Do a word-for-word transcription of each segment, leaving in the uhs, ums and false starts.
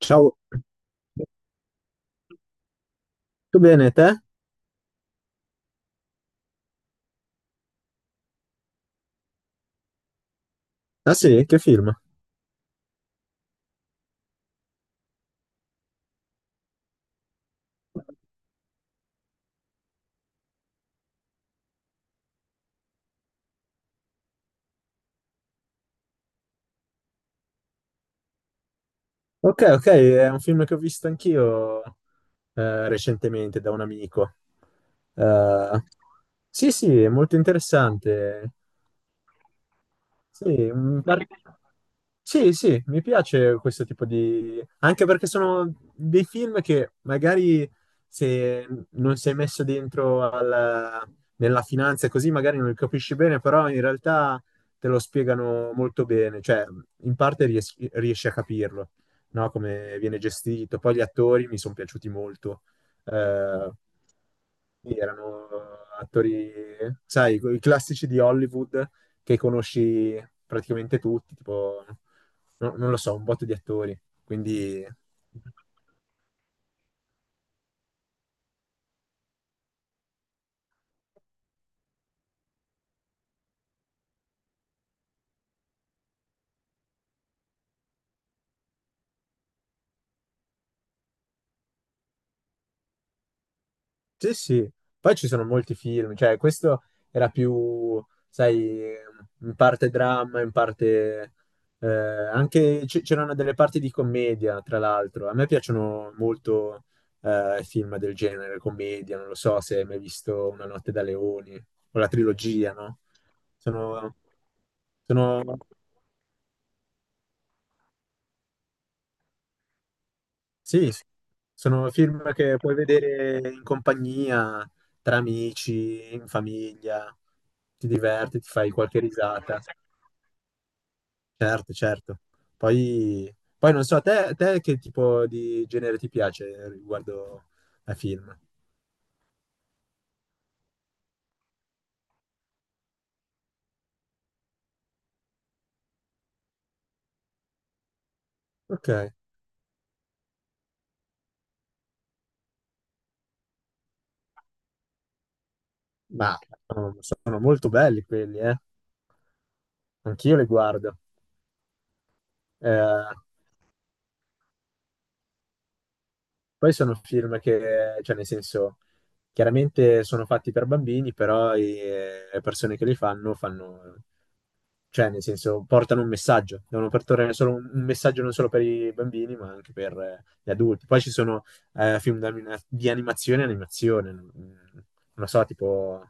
Ciao, tutto bene te? Ah sì, che film? Ok, ok, è un film che ho visto anch'io eh, recentemente da un amico. Eh, sì, sì, è molto interessante. Sì, un par- sì, sì, mi piace questo tipo di, anche perché sono dei film che magari se non sei messo dentro al- nella finanza e così magari non li capisci bene, però in realtà te lo spiegano molto bene, cioè in parte ries- riesci a capirlo, no? Come viene gestito. Poi gli attori mi sono piaciuti molto. Eh, sì, erano attori, sai, i classici di Hollywood che conosci praticamente tutti, tipo no- non lo so, un botto di attori. Quindi sì, sì. Poi ci sono molti film, cioè questo era più, sai, in parte dramma, in parte eh, anche c- c'erano delle parti di commedia, tra l'altro. A me piacciono molto eh, film del genere, commedia, non lo so se hai mai visto Una notte da leoni o la trilogia, no? Sono, sono Sì, sì, sono film che puoi vedere in compagnia, tra amici, in famiglia, ti diverti, ti fai qualche risata. Certo, certo. Poi, poi non so, a te, te, che tipo di genere ti piace riguardo ai film? Ok, ma sono, sono molto belli quelli, eh? Anch'io li guardo. Eh, Poi sono film che, cioè nel senso, chiaramente sono fatti per bambini, però eh, le persone che li fanno fanno, cioè nel senso, portano un messaggio, devono portare solo un, un messaggio non solo per i bambini, ma anche per eh, gli adulti. Poi ci sono eh, film d'anima- di animazione e animazione, non non so, tipo,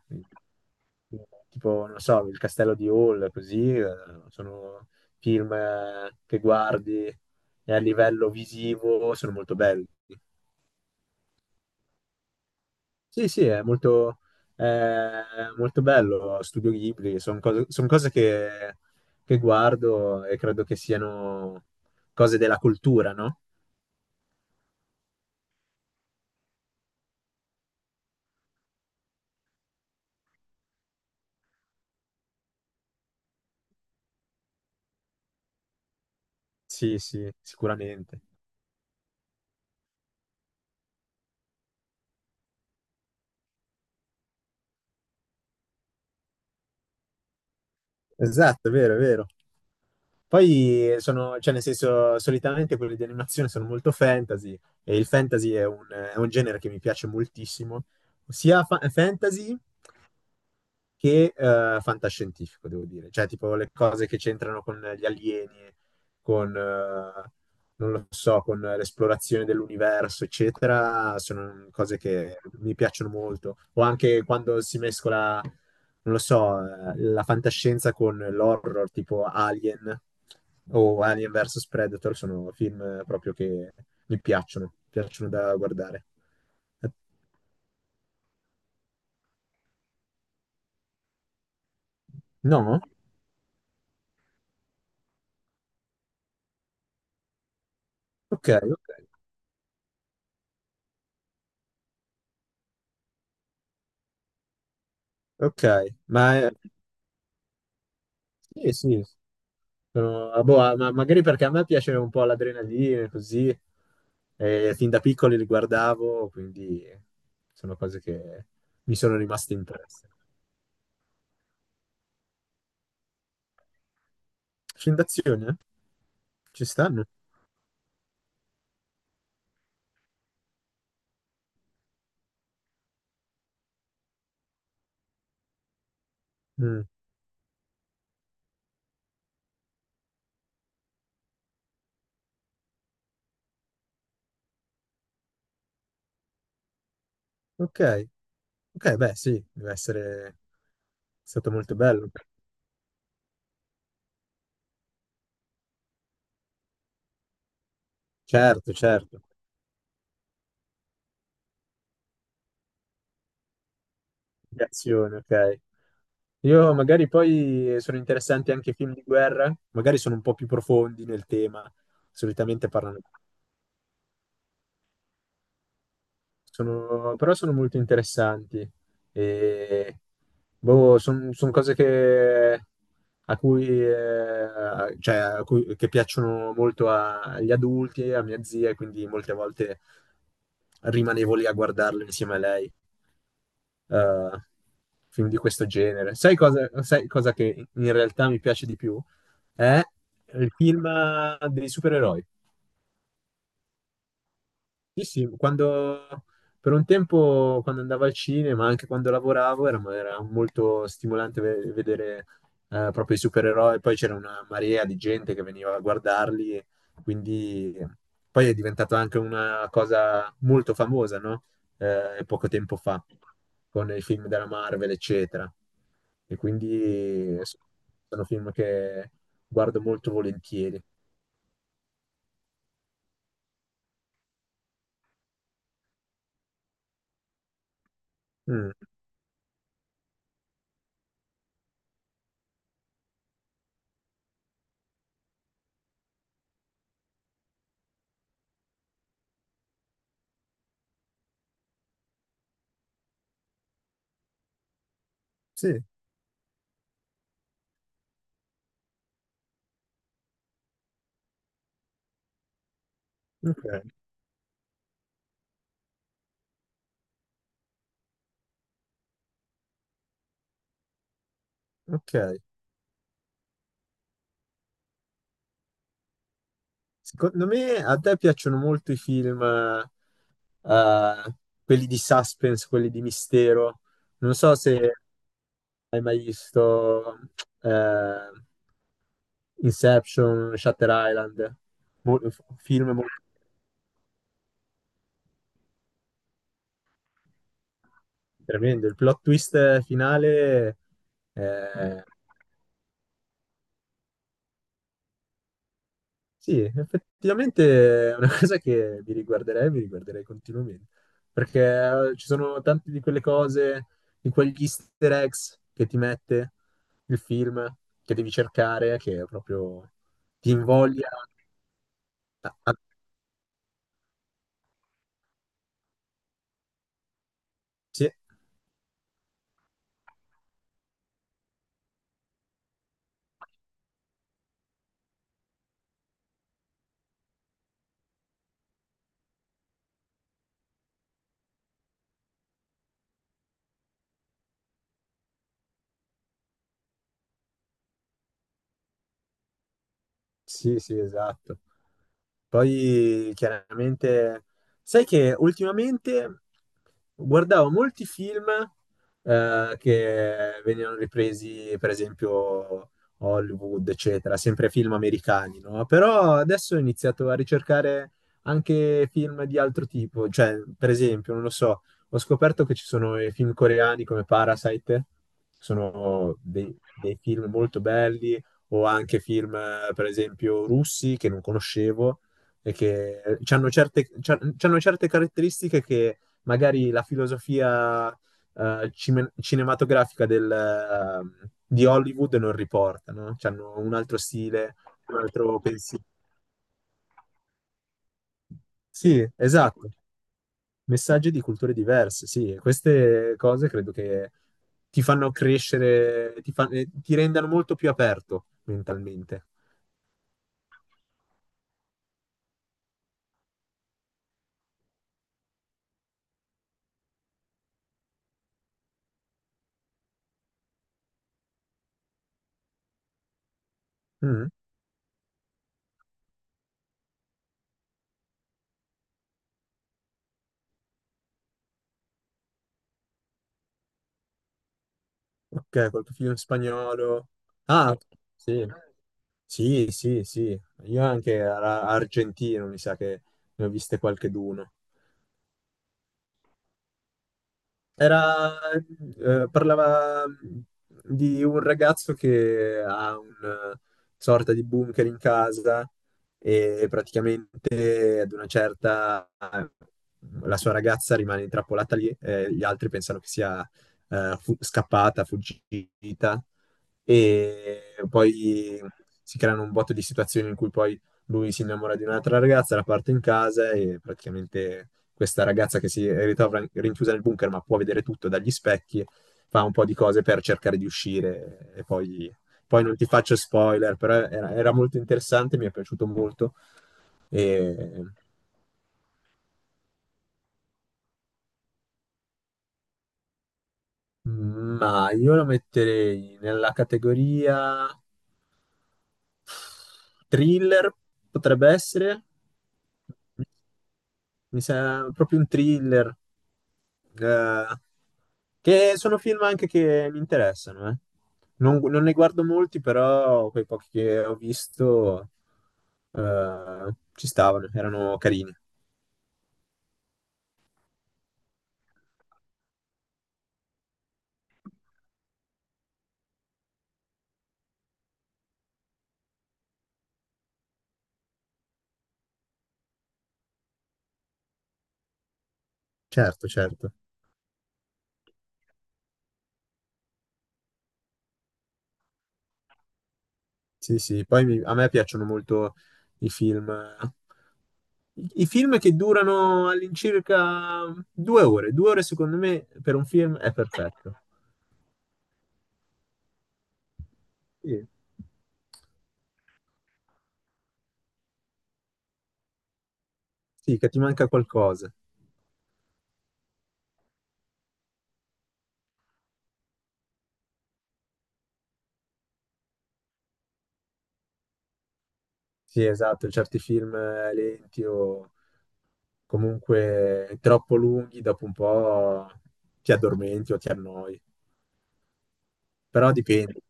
tipo, non so, Il Castello di Hall, così, eh, sono film eh, che guardi e a livello visivo sono molto belli. Sì, sì, è molto, è molto, bello. Studio Ghibli, sono cose, son cose che, che guardo e credo che siano cose della cultura, no? Sì, sì, sicuramente. Esatto, è vero, è vero. Poi sono, cioè nel senso, solitamente quelli di animazione sono molto fantasy e il fantasy è un, è un genere che mi piace moltissimo, sia fa- fantasy che eh, fantascientifico, devo dire. Cioè, tipo le cose che c'entrano con gli alieni, con, eh, non lo so, con l'esplorazione dell'universo, eccetera, sono cose che mi piacciono molto. O anche quando si mescola, non lo so, eh, la fantascienza con l'horror, tipo Alien o Alien vs Predator, sono film proprio che mi piacciono, piacciono da guardare. Eh, No? Ok, ok, ok. Ma eh, sì, sì, sono- ah, boh, ah, ma magari perché a me piace un po' l'adrenalina, così, e fin da piccoli li guardavo, quindi sono cose che mi sono rimaste impresse. Film d'azione? Ci stanno? Mm. Ok, ok, beh, sì, deve essere stato molto bello. Certo, certo, di azione, ok. Io magari poi sono interessanti anche i film di guerra, magari sono un po' più profondi nel tema, solitamente parlano. Sono- però sono molto interessanti e boh, sono cose che, a cui, eh, cioè, a cui- che piacciono molto a- agli adulti, a mia zia, e quindi molte volte rimanevo lì a guardarle insieme a lei, eh, film di questo genere. Sai cosa, sai cosa che in realtà mi piace di più? È il film dei supereroi. Sì, sì, quando per un tempo quando andavo al cinema, anche quando lavoravo, era, era molto stimolante ve- vedere eh, proprio i supereroi. Poi c'era una marea di gente che veniva a guardarli, e quindi poi è diventata anche una cosa molto famosa, no? Eh, poco tempo fa, con i film della Marvel, eccetera. E quindi sono film che guardo molto volentieri. Mm, sì, ok, ok. Secondo me a te piacciono molto i film, eh, quelli di suspense, quelli di mistero. Non so se hai mai visto eh, Inception, Shutter Island, Mo- film molto tremendo. Il plot twist finale eh, Sì, effettivamente è una cosa che mi riguarderei, mi riguarderei continuamente, perché eh, ci sono tante di quelle cose, di quegli easter eggs che ti mette il film, che devi cercare, che proprio ti invoglia a, a- sì. Sì, sì, esatto. Poi chiaramente, sai che ultimamente guardavo molti film eh, che venivano ripresi, per esempio, Hollywood, eccetera, sempre film americani, no? Però adesso ho iniziato a ricercare anche film di altro tipo, cioè, per esempio, non lo so, ho scoperto che ci sono i film coreani come Parasite, sono dei, dei film molto belli o anche film, eh, per esempio, russi che non conoscevo e che hanno certe, c'ha- c'hanno certe caratteristiche che magari la filosofia eh, cime- cinematografica del, eh, di Hollywood non riporta, no? C'hanno un altro stile, un altro pensiero. Sì, esatto. Messaggi di culture diverse, sì, e queste cose credo che ti fanno crescere, ti, fa- eh, ti rendano molto più aperto mentalmente. Mm. Ok, col tuo film spagnolo. Ah, sì, sì, sì, sì. Io anche ar- argentino, mi sa che ne ho viste qualcheduno. Era, eh, Parlava mm, di un ragazzo che ha una sorta di bunker in casa e praticamente ad una certa la sua ragazza rimane intrappolata lì e gli altri pensano che sia eh, fu- scappata, fuggita e poi si creano un botto di situazioni in cui poi lui si innamora di un'altra ragazza, la parte in casa e praticamente questa ragazza che si ritrova rinchiusa nel bunker ma può vedere tutto dagli specchi, fa un po' di cose per cercare di uscire e poi, poi non ti faccio spoiler, però era, era molto interessante, mi è piaciuto molto. E- Ma io lo metterei nella categoria thriller, potrebbe essere. Mi sembra proprio un thriller, eh, che sono film anche che mi interessano, eh. Non, non ne guardo molti, però quei pochi che ho visto, eh, ci stavano, erano carini. Certo, certo. Sì, sì, poi mi- a me piacciono molto i film, i film, che durano all'incirca due ore. Due ore, secondo me, per un film è perfetto. Sì, sì, che ti manca qualcosa. Sì, esatto, certi film eh, lenti o comunque troppo lunghi, dopo un po' ti addormenti o ti annoi, però dipende,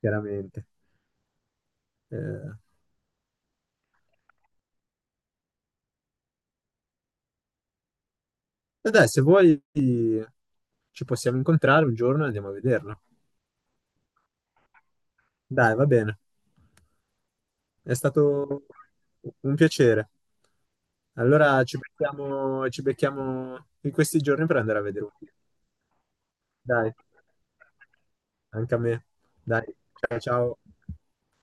chiaramente. Eh, e dai, se vuoi ci possiamo incontrare un giorno e andiamo a vederlo. Dai, va bene, è stato un piacere. Allora ci becchiamo, ci becchiamo in questi giorni per andare a vedere un film. Dai, anche a me. Dai, ciao ciao.